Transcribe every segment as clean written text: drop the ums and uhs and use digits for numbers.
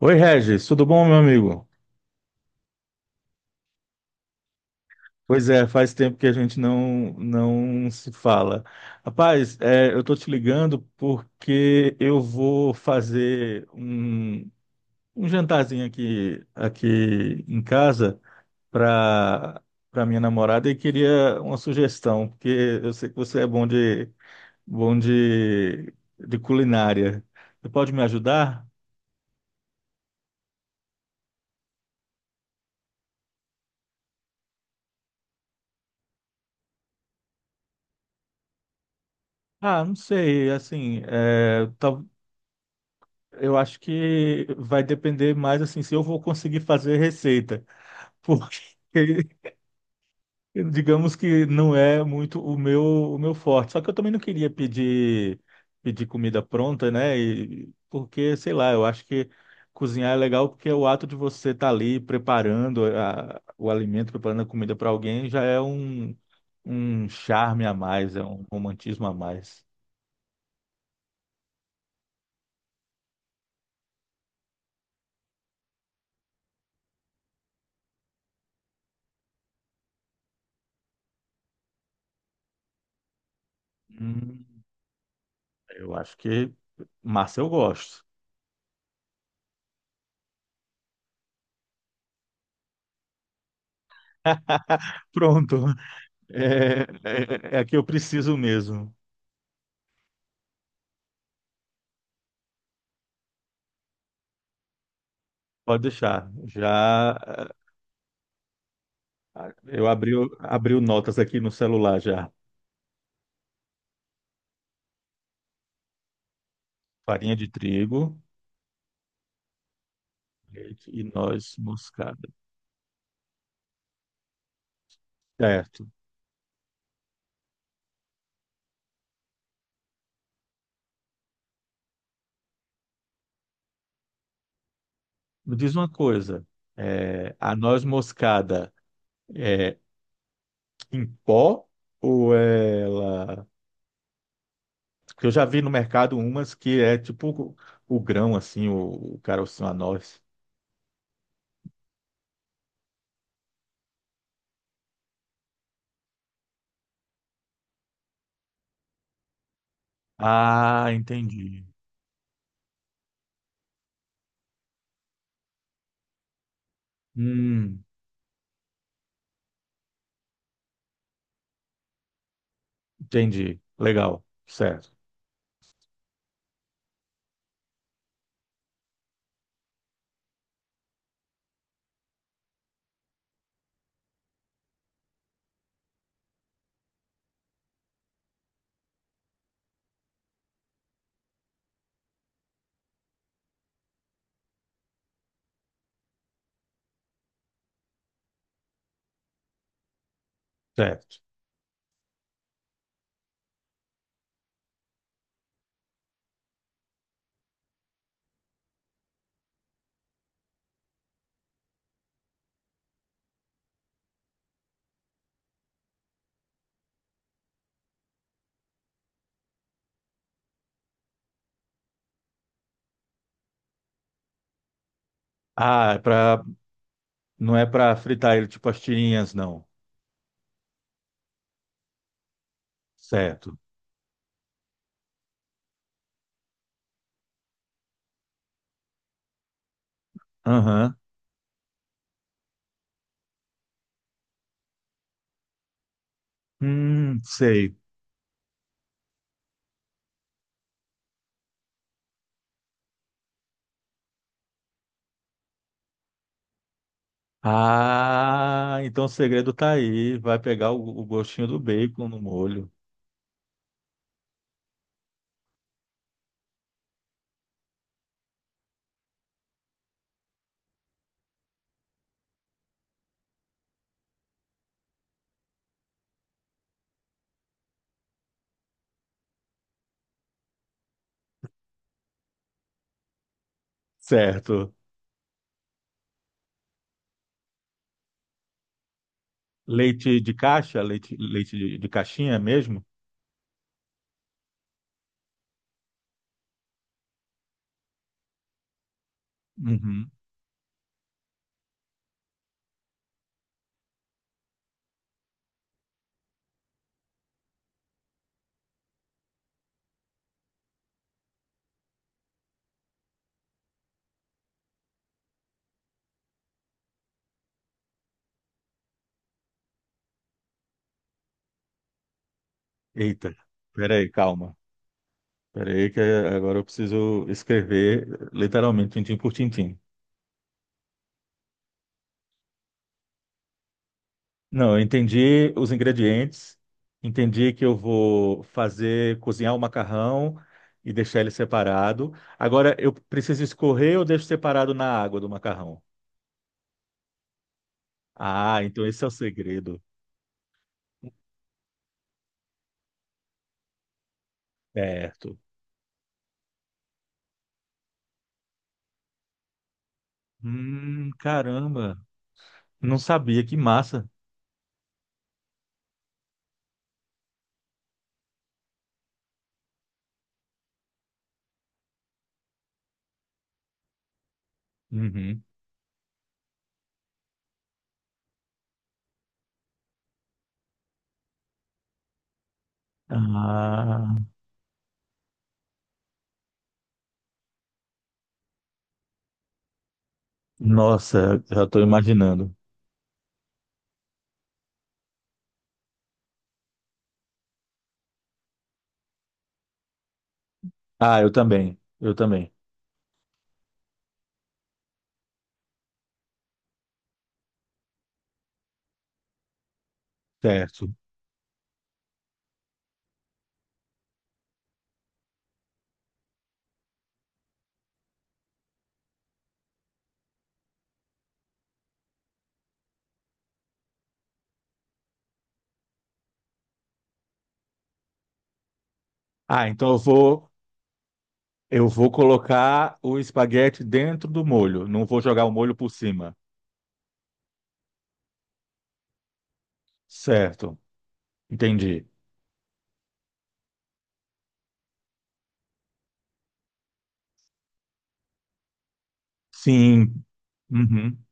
Oi, Regis, tudo bom, meu amigo? Pois é, faz tempo que a gente não se fala. Rapaz, é, eu tô te ligando porque eu vou fazer um jantarzinho aqui em casa para para minha namorada e queria uma sugestão, porque eu sei que você é bom de culinária. Você pode me ajudar? Ah, não sei, assim, é, eu acho que vai depender mais assim se eu vou conseguir fazer receita, porque digamos que não é muito o meu forte. Só que eu também não queria pedir comida pronta, né? Porque sei lá, eu acho que cozinhar é legal porque é o ato de você estar ali o alimento, preparando a comida para alguém já é um charme a mais, é um romantismo a mais. Hum, eu acho que massa eu gosto. Pronto. É, é a que eu preciso mesmo. Pode deixar. Já eu abri o notas aqui no celular já. Farinha de trigo, leite e noz moscada. Certo. Me diz uma coisa. É, a noz moscada é em pó ou ela? Porque eu já vi no mercado umas que é tipo o grão assim, o carocinho a noz. Ah, entendi. Hum, entendi. Legal. Certo. Ah, é pra, não é para fritar ele tipo as tirinhas, não. Certo. Aham. Sei. Ah, então o segredo tá aí. Vai pegar o gostinho do bacon no molho. Certo. Leite de caixa? Leite, de caixinha mesmo? Uhum. Eita. Peraí, calma. Peraí, que agora eu preciso escrever literalmente, tintim por tintim. Não, eu entendi os ingredientes, entendi que eu vou fazer, cozinhar o macarrão e deixar ele separado. Agora, eu preciso escorrer ou deixo separado na água do macarrão? Ah, então esse é o segredo. Certo. Caramba, não sabia, que massa. Uhum. Ah, nossa, já estou imaginando. Ah, eu também. Certo. Ah, então eu vou. Eu vou colocar o espaguete dentro do molho. Não vou jogar o molho por cima. Certo. Entendi. Sim. Uhum.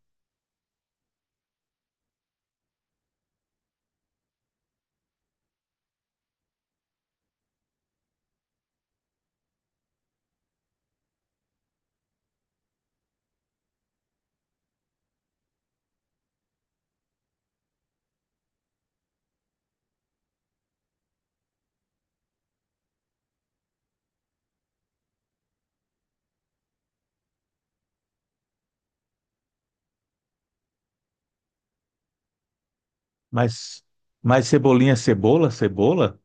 Mas, mas cebolinha é cebola? Cebola?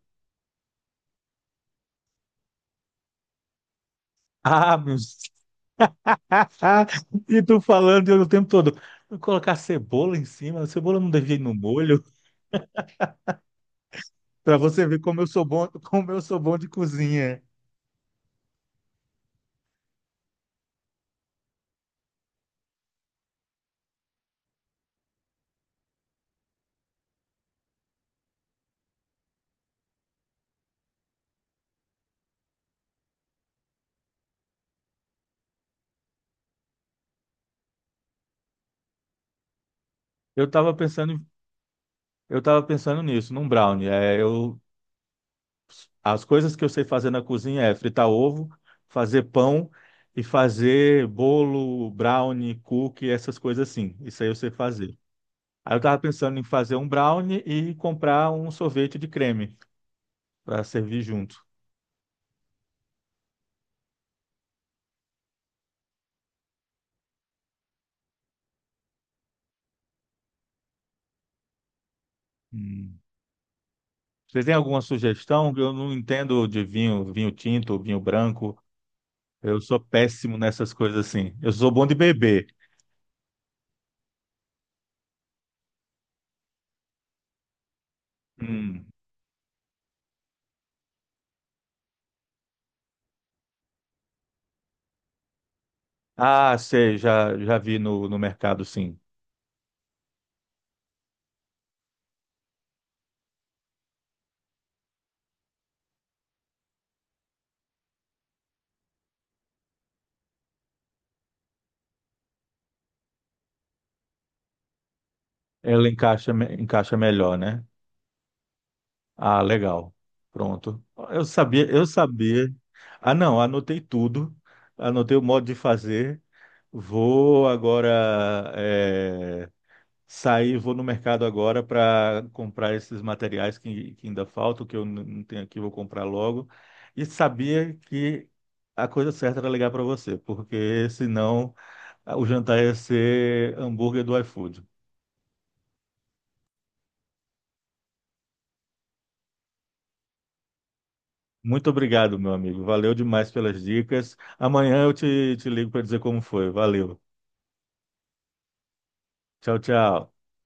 Ah, meu. E tu falando eu o tempo todo. Vou colocar cebola em cima. A cebola não devia ir no molho. Para você ver como eu sou bom, como eu sou bom de cozinha. Eu tava pensando, eu tava pensando nisso, num brownie. É, eu as coisas que eu sei fazer na cozinha é fritar ovo, fazer pão e fazer bolo, brownie, cookie, essas coisas assim. Isso aí eu sei fazer. Aí eu tava pensando em fazer um brownie e comprar um sorvete de creme para servir junto. Hum. Você tem alguma sugestão? Eu não entendo de vinho, vinho tinto, vinho branco. Eu sou péssimo nessas coisas assim. Eu sou bom de beber. Hum. Ah, sei, já vi no mercado, sim. Ela encaixa, me- encaixa melhor, né? Ah, legal. Pronto. Eu sabia. Ah, não, anotei tudo. Anotei o modo de fazer. Vou agora sair, vou no mercado agora para comprar esses materiais que ainda faltam, que eu não tenho aqui, vou comprar logo. E sabia que a coisa certa era ligar para você, porque senão o jantar ia ser hambúrguer do iFood. Muito obrigado, meu amigo. Valeu demais pelas dicas. Amanhã eu te ligo para dizer como foi. Valeu. Tchau, tchau.